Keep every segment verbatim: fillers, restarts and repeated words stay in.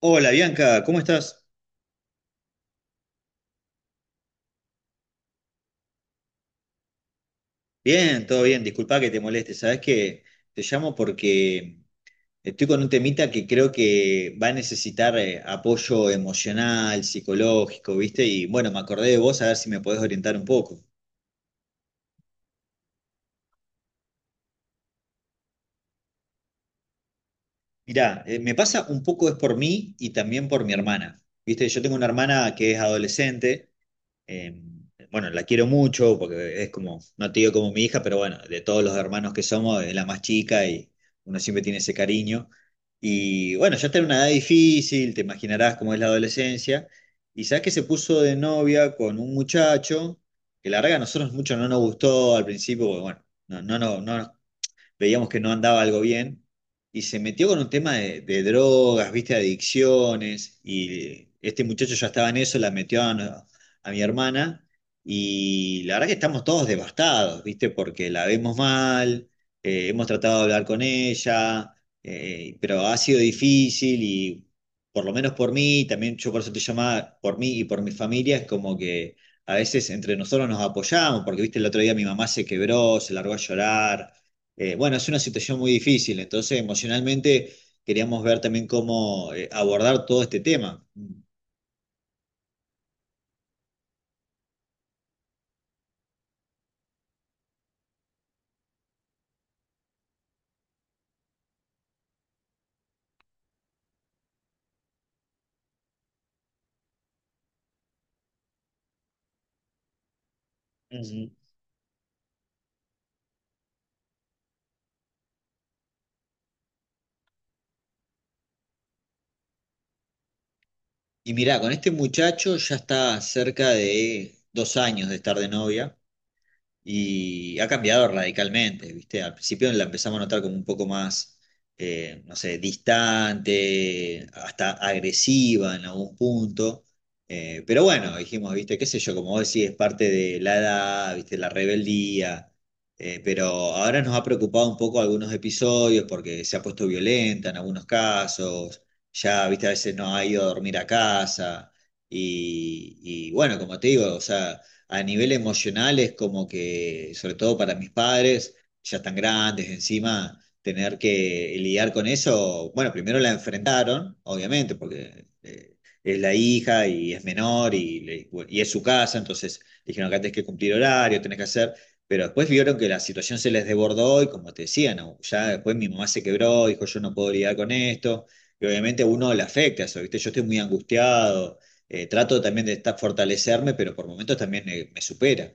Hola Bianca, ¿cómo estás? Bien, todo bien, disculpa que te moleste, sabes que te llamo porque estoy con un temita que creo que va a necesitar eh, apoyo emocional, psicológico, ¿viste? Y bueno, me acordé de vos a ver si me podés orientar un poco. Mirá, eh, me pasa un poco es por mí y también por mi hermana, ¿viste? Yo tengo una hermana que es adolescente. Eh, bueno, la quiero mucho porque es como, no te digo como mi hija, pero bueno, de todos los hermanos que somos, es la más chica y uno siempre tiene ese cariño. Y bueno, ya está en una edad difícil, te imaginarás cómo es la adolescencia. Y sabes que se puso de novia con un muchacho que la verdad que a nosotros mucho no nos gustó al principio, porque bueno, no, no, no, no nos veíamos que no andaba algo bien, y se metió con un tema de, de drogas, viste, adicciones, y este muchacho ya estaba en eso, la metió a, a mi hermana, y la verdad que estamos todos devastados, viste, porque la vemos mal, eh, hemos tratado de hablar con ella, eh, pero ha sido difícil y por lo menos por mí, también yo por eso te llamaba, por mí y por mi familia, es como que a veces entre nosotros nos apoyamos, porque viste, el otro día mi mamá se quebró, se largó a llorar, eh, bueno, es una situación muy difícil, entonces emocionalmente queríamos ver también cómo eh, abordar todo este tema. Ujú. Y mirá, con este muchacho ya está cerca de dos años de estar de novia. Y ha cambiado radicalmente, ¿viste? Al principio la empezamos a notar como un poco más, eh, no sé, distante, hasta agresiva en algún punto. Eh, pero bueno, dijimos, ¿viste? ¿Qué sé yo? Como vos decís, es parte de la edad, ¿viste? La rebeldía. Eh, pero ahora nos ha preocupado un poco algunos episodios porque se ha puesto violenta en algunos casos. Ya, ¿viste? A veces no ha ido a dormir a casa. Y, y bueno, como te digo, o sea a nivel emocional es como que, sobre todo para mis padres, ya están grandes encima, tener que lidiar con eso, bueno, primero la enfrentaron, obviamente, porque eh, es la hija y es menor y, le- bueno, y es su casa, entonces dijeron que tenés que cumplir horario, tenés que hacer, pero después vieron que la situación se les desbordó y como te decía, no, ya después mi mamá se quebró, dijo yo no puedo lidiar con esto. Y obviamente a uno le afecta eso, ¿viste? Yo estoy muy angustiado, eh, trato también de estar, fortalecerme, pero por momentos también eh, me supera.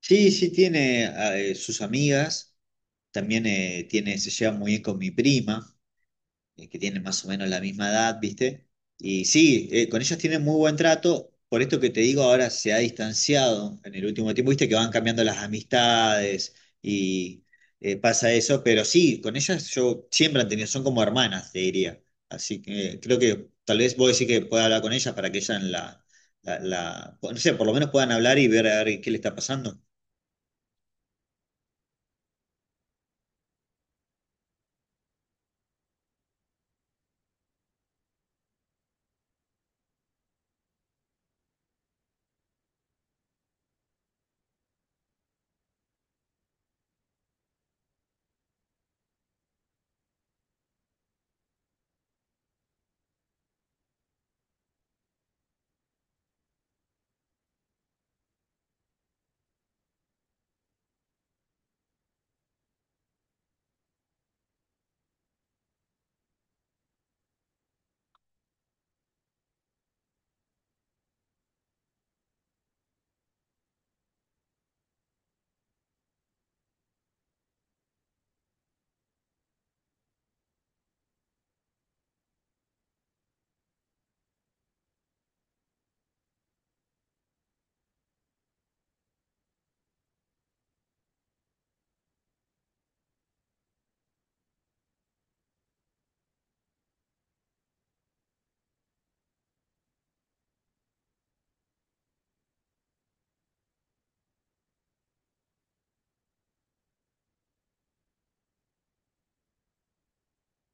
Sí, sí, tiene eh, sus amigas, también eh, tiene, se lleva muy bien con mi prima. Eh, que tienen más o menos la misma edad, ¿viste? Y sí, eh, con ellos tienen muy buen trato, por esto que te digo ahora se ha distanciado en el último tiempo, ¿viste? Que van cambiando las amistades y eh, pasa eso, pero sí, con ellas yo siempre han tenido, son como hermanas, te diría. Así que eh, creo que tal vez vos decís que pueda hablar con ellas para que ellas la, la, la- no sé, por lo menos puedan hablar y ver a ver qué le está pasando.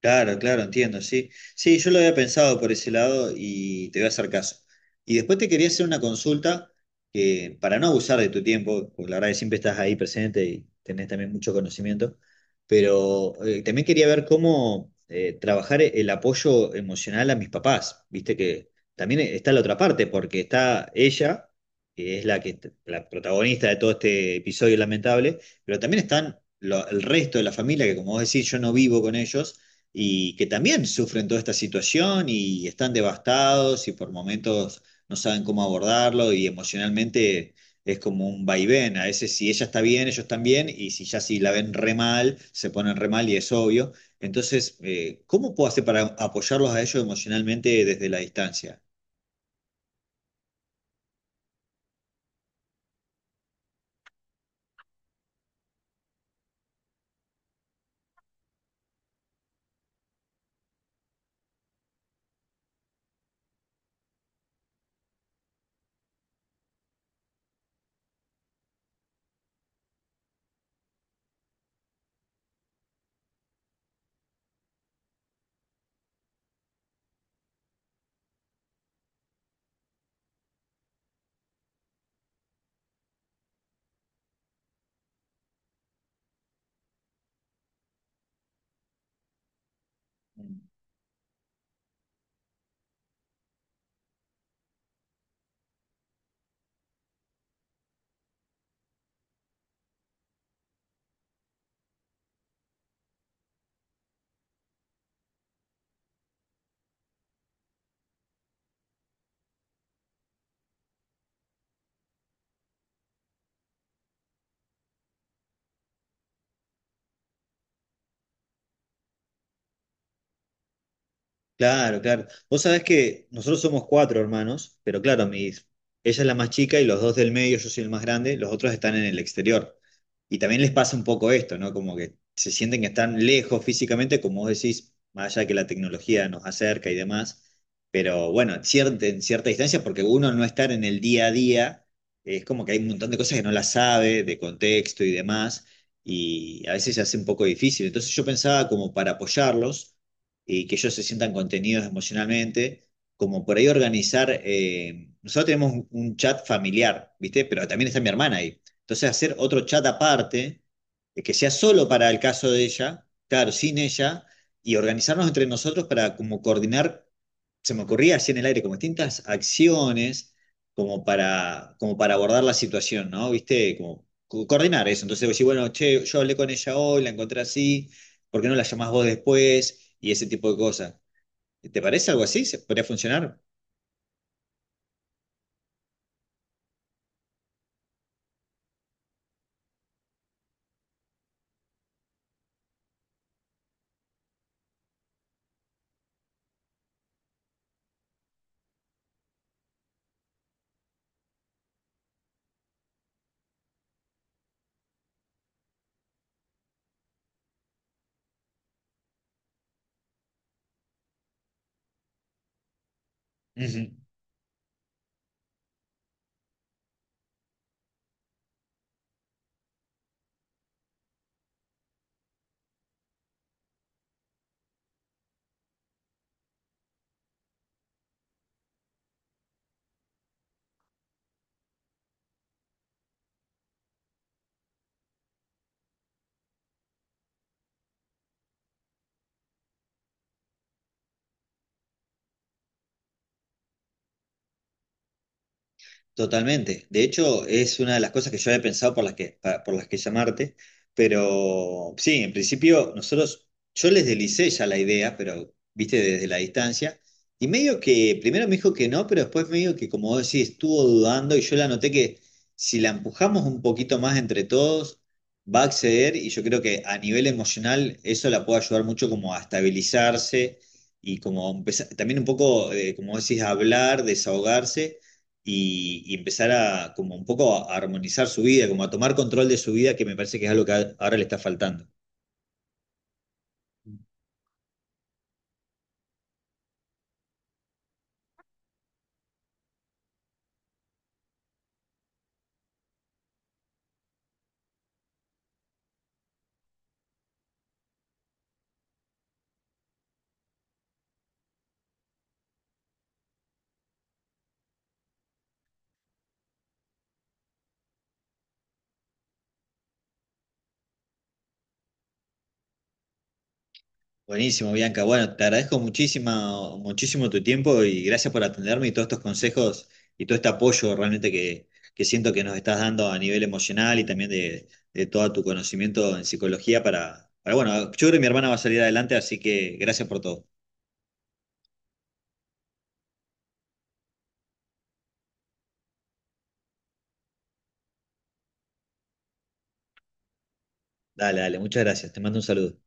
Claro, claro, entiendo, sí. Sí, yo lo había pensado por ese lado y te voy a hacer caso. Y después te quería hacer una consulta que, para no abusar de tu tiempo, porque la verdad que siempre estás ahí presente y tenés también mucho conocimiento, pero eh, también quería ver cómo eh, trabajar el apoyo emocional a mis papás. Viste que también está la otra parte, porque está ella, que es la que la protagonista de todo este episodio lamentable, pero también están lo- el resto de la familia, que como vos decís, yo no vivo con ellos y que también sufren toda esta situación y están devastados y por momentos no saben cómo abordarlo y emocionalmente es como un vaivén. A veces si ella está bien, ellos están bien y si ya si la ven re mal, se ponen re mal y es obvio. Entonces, eh, ¿cómo puedo hacer para apoyarlos a ellos emocionalmente desde la distancia? Claro, claro. Vos sabés que nosotros somos cuatro hermanos, pero claro, mis, ella es la más chica y los dos del medio, yo soy el más grande, los otros están en el exterior. Y también les pasa un poco esto, ¿no? Como que se sienten que están lejos físicamente, como vos decís, más allá de que la tecnología nos acerca y demás, pero bueno, cier- en cierta distancia, porque uno al no estar en el día a día, es como que hay un montón de cosas que no las sabe, de contexto y demás, y a veces se hace un poco difícil. Entonces yo pensaba como para apoyarlos y que ellos se sientan contenidos emocionalmente, como por ahí organizar, eh, nosotros tenemos un, un chat familiar, ¿viste? Pero también está mi hermana ahí. Entonces hacer otro chat aparte, eh, que sea solo para el caso de ella, claro, sin ella, y organizarnos entre nosotros para como coordinar se me ocurría así en el aire como distintas acciones como para, como para abordar la situación, ¿no? ¿Viste? Como co- coordinar eso. Entonces decir, bueno, che, yo hablé con ella hoy, la encontré así, ¿por qué no la llamás vos después? Y ese tipo de cosas. ¿Te parece algo así? ¿Se- ¿Podría funcionar? Ujú. Totalmente. De hecho, es una de las cosas que yo había pensado por las que, pa- por las que llamarte, pero sí, en principio nosotros, yo les deslicé ya la idea, pero viste desde la distancia, y medio que primero me dijo que no, pero después medio que como vos decís, estuvo dudando y yo la noté que si la empujamos un poquito más entre todos, va a acceder y yo creo que a nivel emocional eso la puede ayudar mucho como a estabilizarse y como empezar, también un poco, eh, como vos decís, a hablar, desahogarse y, y empezar a como un poco a armonizar su vida, como a tomar control de su vida, que me parece que es algo que a- ahora le está faltando. Buenísimo, Bianca. Bueno, te agradezco muchísimo, muchísimo tu tiempo y gracias por atenderme y todos estos consejos y todo este apoyo realmente que, que siento que nos estás dando a nivel emocional y también de, de todo tu conocimiento en psicología para, para, bueno, yo creo que mi hermana va a salir adelante, así que gracias por todo. Dale, dale, muchas gracias. Te mando un saludo.